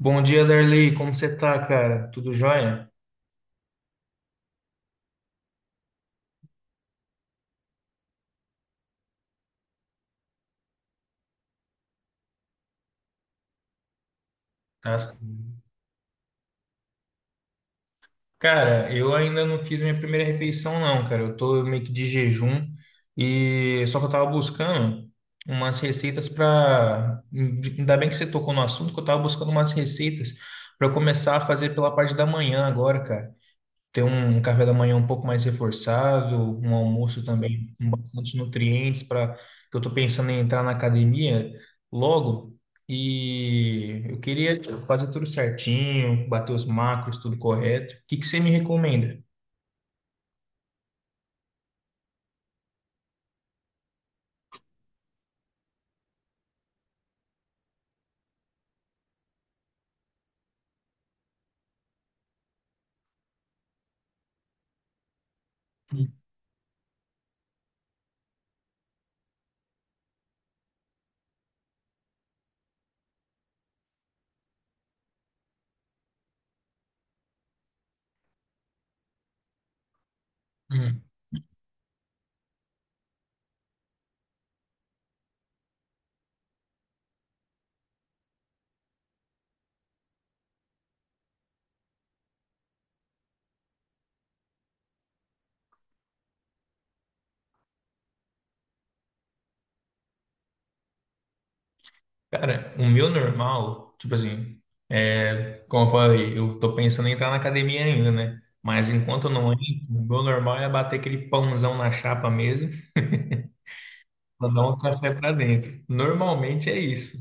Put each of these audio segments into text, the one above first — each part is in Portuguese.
Bom dia, Darley. Como você tá, cara? Tudo jóia? Tá sim. Cara, eu ainda não fiz minha primeira refeição, não, cara. Eu tô meio que de jejum e só que eu tava buscando umas receitas pra. Ainda bem que você tocou no assunto, que eu tava buscando umas receitas pra eu começar a fazer pela parte da manhã agora, cara, ter um café da manhã um pouco mais reforçado, um almoço também com bastante nutrientes para que eu estou pensando em entrar na academia logo e eu queria fazer tudo certinho, bater os macros, tudo correto. O que que você me recomenda? Hum. Cara, o meu normal, tipo assim, é, como eu falei, eu tô pensando em entrar na academia ainda, né? Mas enquanto eu não entro, o meu normal é bater aquele pãozão na chapa mesmo. Mandar um café para dentro. Normalmente é isso.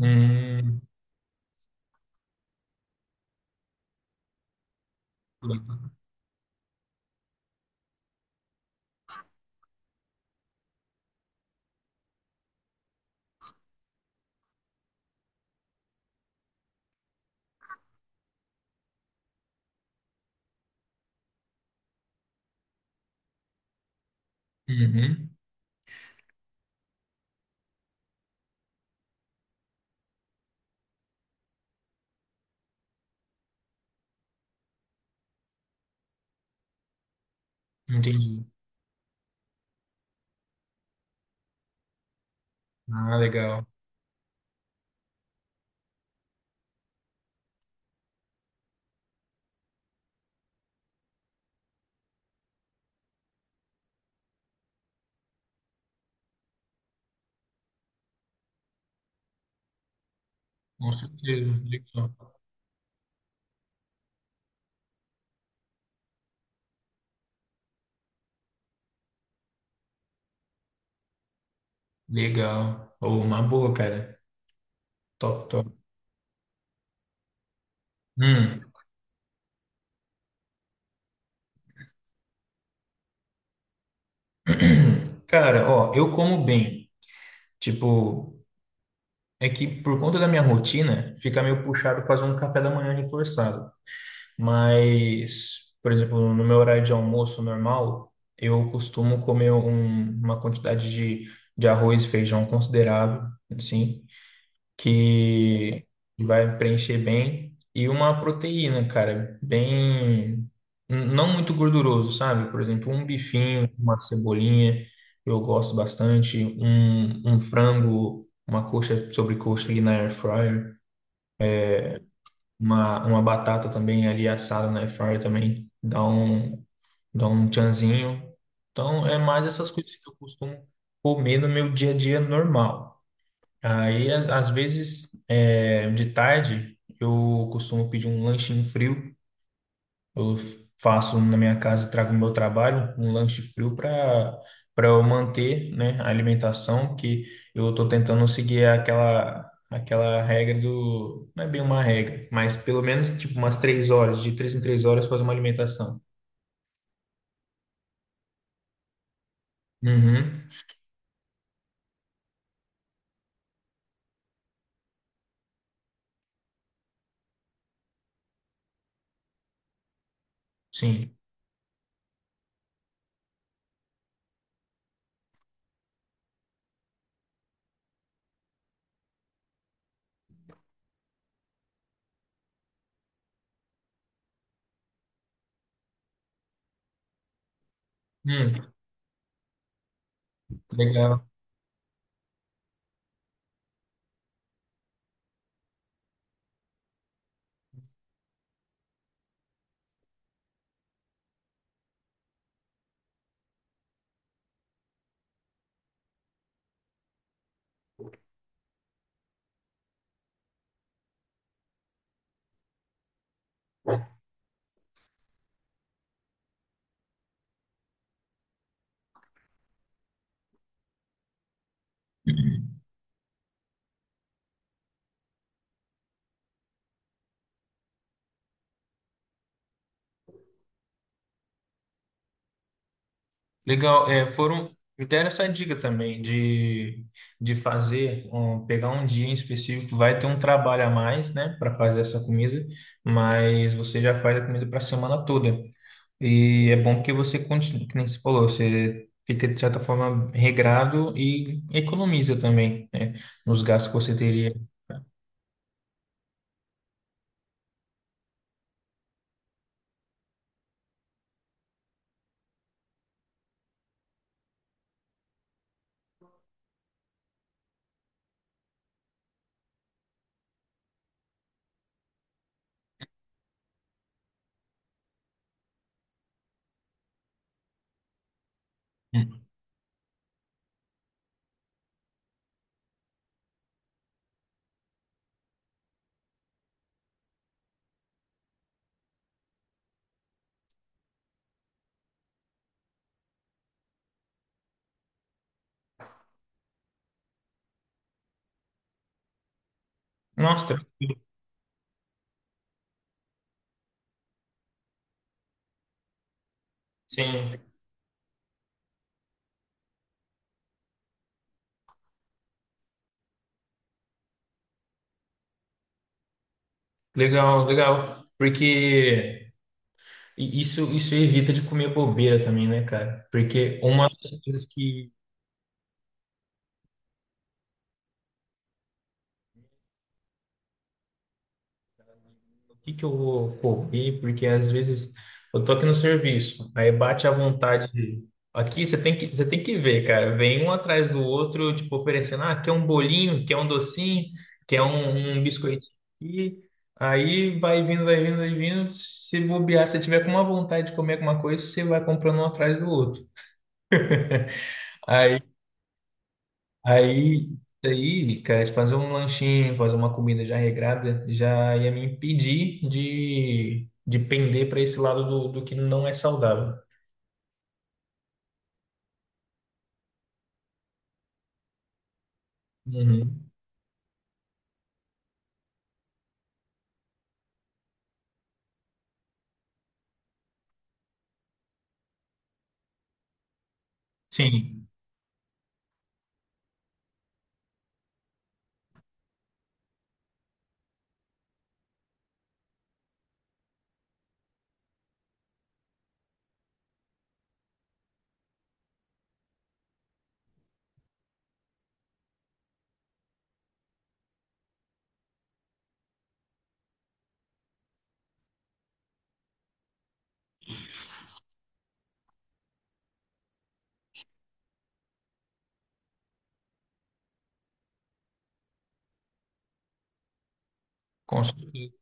Hum, uhum, entendi. Ah, legal. Com certeza. Legal. Legal. Oh, uma boa, cara. Top, top. Hum. Cara, ó, eu como bem. Tipo, é que por conta da minha rotina, fica meio puxado fazer um café da manhã reforçado. Mas, por exemplo, no meu horário de almoço normal, eu costumo comer uma quantidade de arroz e feijão considerável, assim, que vai preencher bem. E uma proteína, cara, bem. Não muito gorduroso, sabe? Por exemplo, um bifinho, uma cebolinha, eu gosto bastante. Um frango, uma coxa sobre coxa ali na air fryer. Uma batata também ali assada na air fryer também dá um tchanzinho. Então, é mais essas coisas que eu costumo comer no meu dia a dia normal. Aí, às vezes, é, de tarde, eu costumo pedir um lanchinho frio. Eu faço na minha casa, trago o meu trabalho, um lanche frio para eu manter, né, a alimentação que eu estou tentando seguir aquela regra do, não é bem uma regra, mas pelo menos tipo umas 3 horas, de 3 em 3 horas fazer uma alimentação. Uhum, sim. Hum, legal. Legal, é, foram, eu deram essa dica também de, fazer, pegar um dia em específico, vai ter um trabalho a mais, né, para fazer essa comida, mas você já faz a comida para a semana toda. E é bom que você continue, que nem você falou, você fica de certa forma regrado e economiza também, né, nos gastos que você teria. Hum. Nossa, sim, legal, legal, porque. E isso evita de comer bobeira também, né, cara? Porque uma das coisas que. O que que eu vou comer? Porque às vezes eu tô aqui no serviço, aí bate a vontade. Aqui você tem que ver, cara. Vem um atrás do outro, tipo, oferecendo: ah, quer um bolinho, quer um docinho, quer um biscoitinho aqui. Aí vai vindo, vai vindo, vai vindo. Se bobear, se tiver com uma vontade de comer alguma coisa, você vai comprando um atrás do outro. Aí, aí, cara, de fazer um lanchinho, fazer uma comida já regrada, já ia me impedir de, pender para esse lado do que não é saudável. Uhum. Sim, com certeza.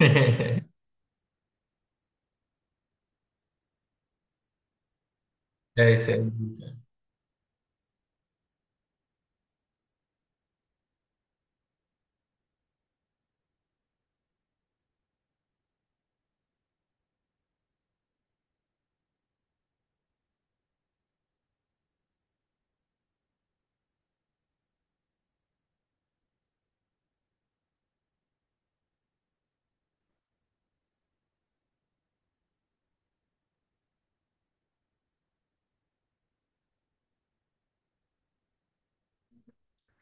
É, isso aí.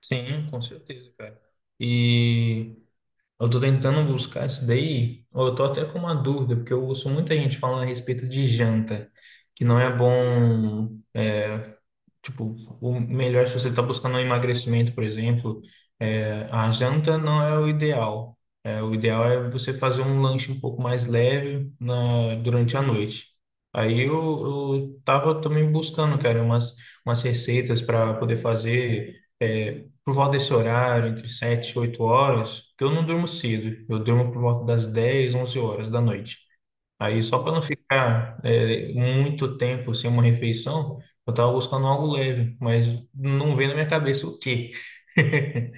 Sim, com certeza, cara. E eu tô tentando buscar isso daí. Eu tô até com uma dúvida, porque eu ouço muita gente falando a respeito de janta, que não é bom. Tipo, o melhor, se você está buscando um emagrecimento, por exemplo, é, a janta não é o ideal. É, o ideal é você fazer um lanche um pouco mais leve durante a noite. Aí eu tava também buscando, cara, umas receitas para poder fazer por volta desse horário, entre 7 e 8 horas, porque eu não durmo cedo. Eu durmo por volta das 10, 11 horas da noite. Aí, só para não ficar muito tempo sem uma refeição, eu estava buscando algo leve, mas não veio na minha cabeça o quê.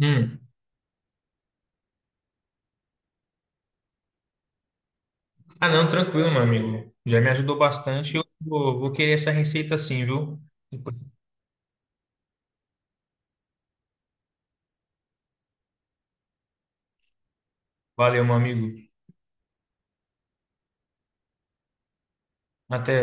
Hum. Ah, não, tranquilo, meu amigo. Já me ajudou bastante. Eu vou querer essa receita sim, viu? Valeu, meu amigo. Até.